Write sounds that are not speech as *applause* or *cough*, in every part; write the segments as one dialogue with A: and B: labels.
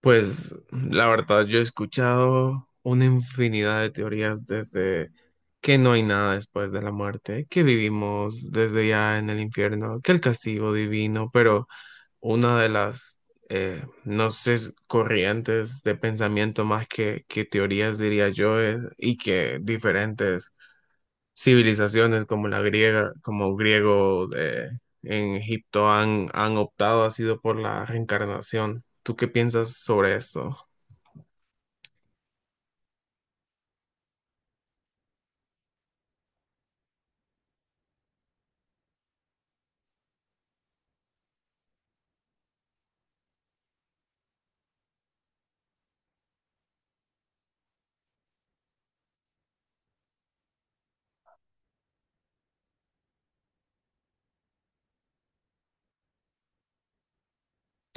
A: Pues la verdad, yo he escuchado una infinidad de teorías desde que no hay nada después de la muerte, que vivimos desde ya en el infierno, que el castigo divino, pero una de las, no sé, corrientes de pensamiento más que teorías, diría yo, y que diferentes civilizaciones como la griega, como griego de, en Egipto han optado, ha sido por la reencarnación. ¿Tú qué piensas sobre esto?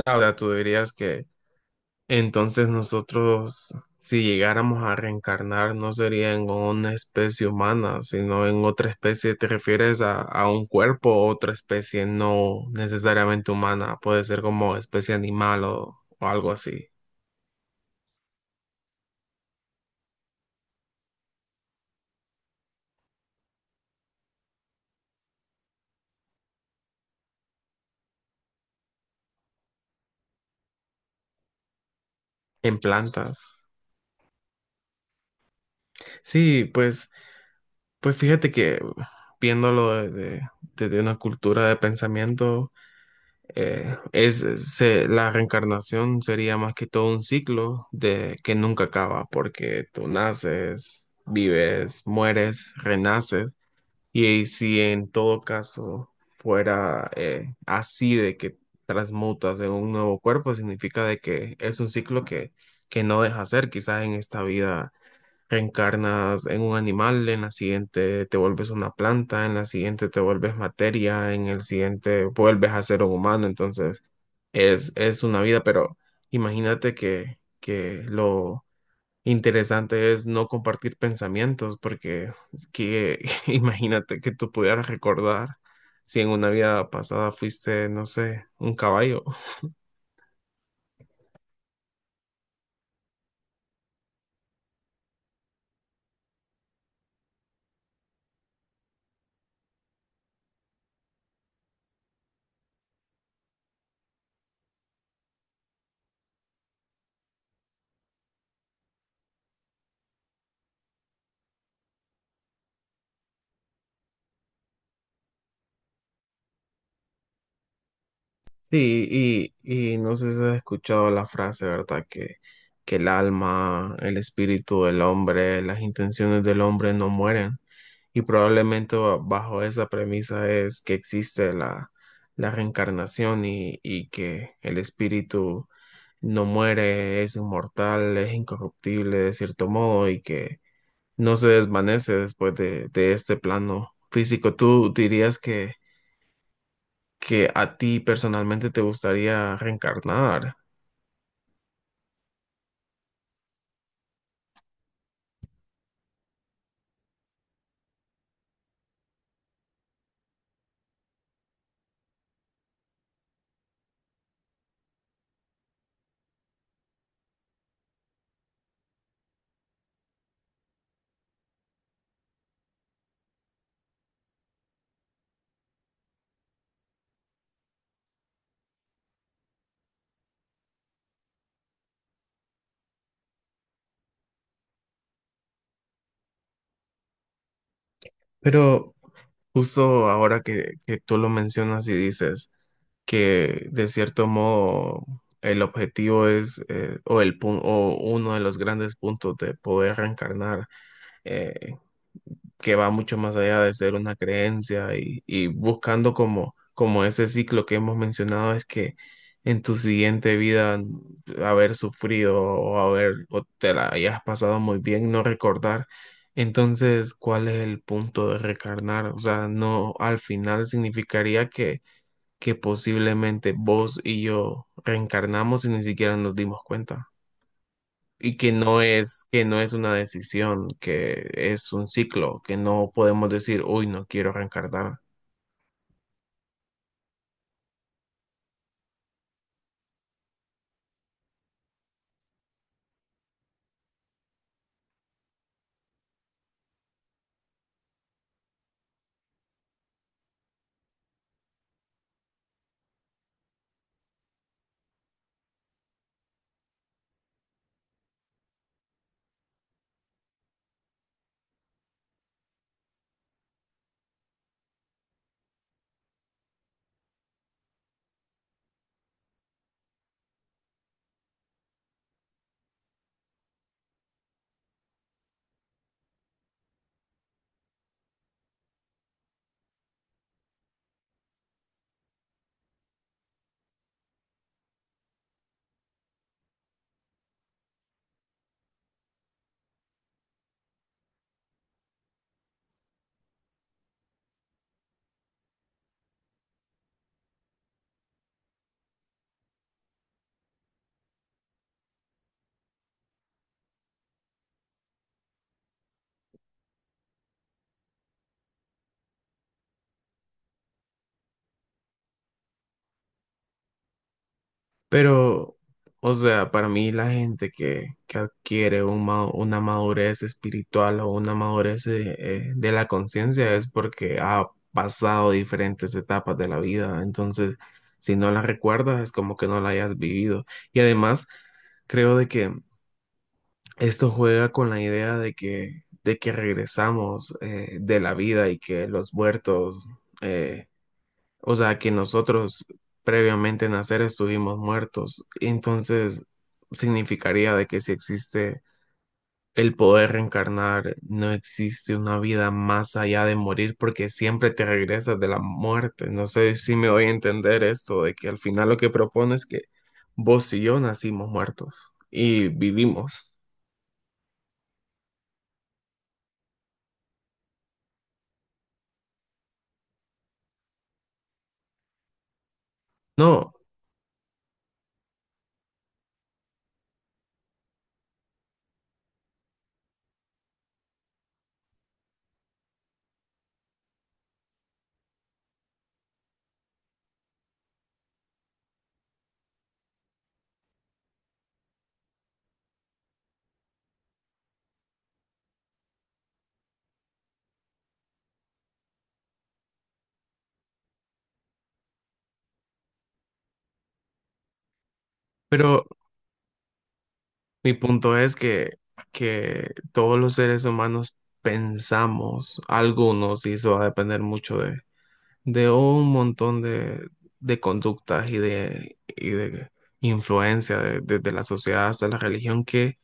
A: Ahora tú dirías que entonces nosotros, si llegáramos a reencarnar, no sería en una especie humana, sino en otra especie. ¿Te refieres a un cuerpo o otra especie no necesariamente humana? Puede ser como especie animal o algo así. En plantas. Sí, pues, pues fíjate que viéndolo desde de desde una cultura de pensamiento, la reencarnación sería más que todo un ciclo de que nunca acaba, porque tú naces, vives, mueres, renaces, y si en todo caso fuera así de que transmutas en un nuevo cuerpo, significa de que es un ciclo que no deja ser, quizás en esta vida reencarnas en un animal, en la siguiente te vuelves una planta, en la siguiente te vuelves materia, en el siguiente vuelves a ser un humano. Entonces, es una vida, pero imagínate que lo interesante es no compartir pensamientos, porque es que *laughs* imagínate que tú pudieras recordar si en una vida pasada fuiste, no sé, un caballo. Sí, y no sé si has escuchado la frase, ¿verdad? Que el alma, el espíritu del hombre, las intenciones del hombre no mueren. Y probablemente bajo esa premisa es que existe la reencarnación y que el espíritu no muere, es inmortal, es incorruptible de cierto modo y que no se desvanece de este plano físico. ¿Tú dirías que a ti personalmente te gustaría reencarnar? Pero justo ahora que tú lo mencionas y dices que de cierto modo el objetivo es, o, el, pun- o uno de los grandes puntos de poder reencarnar, eh, que va mucho más allá de ser una creencia y buscando como ese ciclo que hemos mencionado es que en tu siguiente vida haber sufrido o te la hayas pasado muy bien, no recordar. Entonces, ¿cuál es el punto de recarnar? O sea, no, al final significaría que posiblemente vos y yo reencarnamos y ni siquiera nos dimos cuenta, y que que no es una decisión, que es un ciclo, que no podemos decir, uy, no quiero reencarnar. Pero, o sea, para mí la gente que adquiere una madurez espiritual o una madurez de la conciencia es porque ha pasado diferentes etapas de la vida. Entonces, si no la recuerdas, es como que no la hayas vivido. Y además, creo de que esto juega con la idea de que regresamos de la vida y que los muertos, eh, o sea, que nosotros previamente nacer estuvimos muertos. Entonces, significaría de que si existe el poder reencarnar, no existe una vida más allá de morir porque siempre te regresas de la muerte. No sé si me voy a entender esto, de que al final lo que propone es que vos y yo nacimos muertos y vivimos. No. Pero mi punto es que todos los seres humanos pensamos, algunos, y eso va a depender mucho de un montón de conductas y de influencia desde la sociedad hasta la religión, que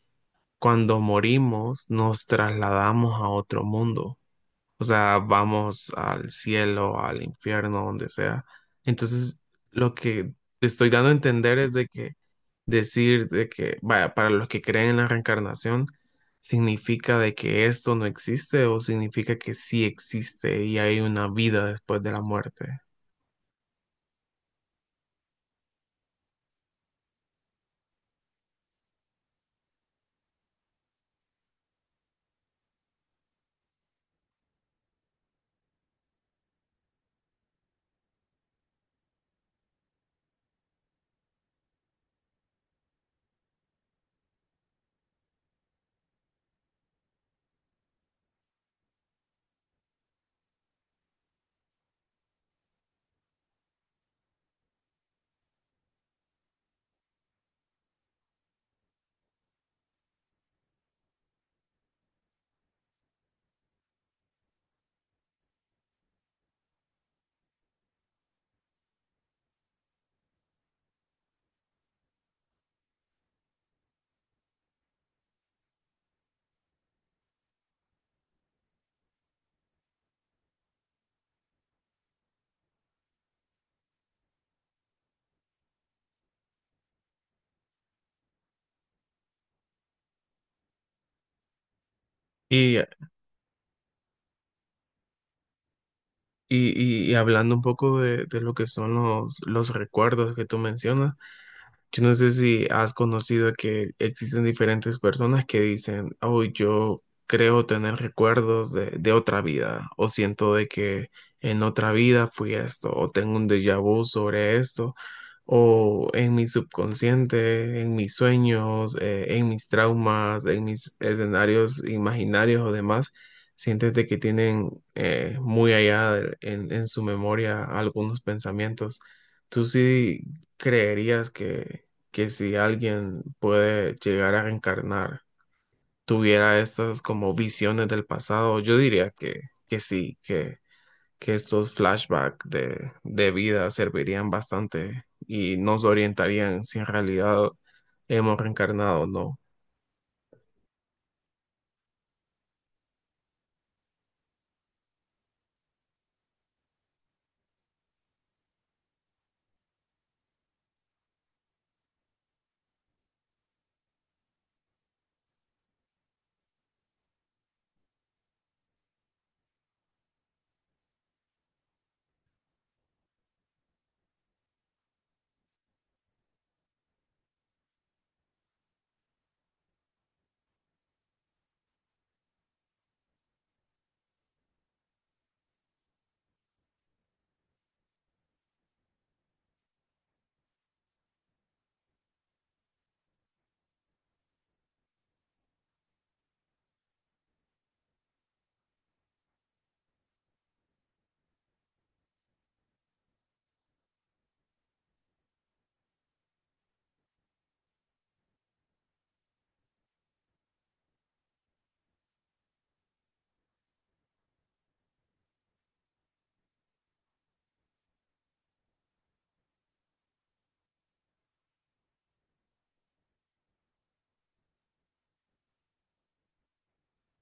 A: cuando morimos nos trasladamos a otro mundo. O sea, vamos al cielo, al infierno, donde sea. Entonces, lo que te estoy dando a entender es de que decir de que, vaya, para los que creen en la reencarnación, significa de que esto no existe o significa que sí existe y hay una vida después de la muerte. Y, y, y hablando un poco de lo que son los recuerdos que tú mencionas. Yo no sé si has conocido que existen diferentes personas que dicen, oh, yo creo tener recuerdos de otra vida, o siento de que en otra vida fui esto, o tengo un déjà vu sobre esto, o en mi subconsciente, en mis sueños, en mis traumas, en mis escenarios imaginarios o demás, sientes de que tienen muy allá en su memoria algunos pensamientos. ¿Tú sí creerías que si alguien puede llegar a reencarnar, tuviera estas como visiones del pasado? Yo diría que sí, que estos flashbacks de vida servirían bastante y nos orientarían si en realidad hemos reencarnado o no.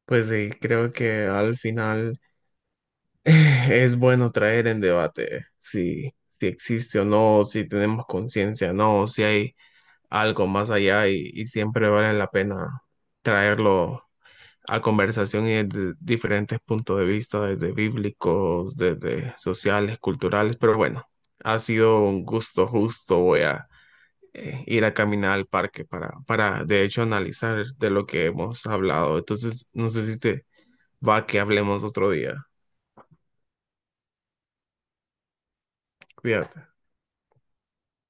A: Pues sí, creo que al final *laughs* es bueno traer en debate si, si existe o no, si tenemos conciencia o no, si hay algo más allá, y siempre vale la pena traerlo a conversación y desde diferentes puntos de vista, desde bíblicos, desde sociales, culturales, pero bueno, ha sido un gusto justo. Voy a ir a caminar al parque para, de hecho, analizar de lo que hemos hablado. Entonces, no sé si te va que hablemos otro día. Cuídate.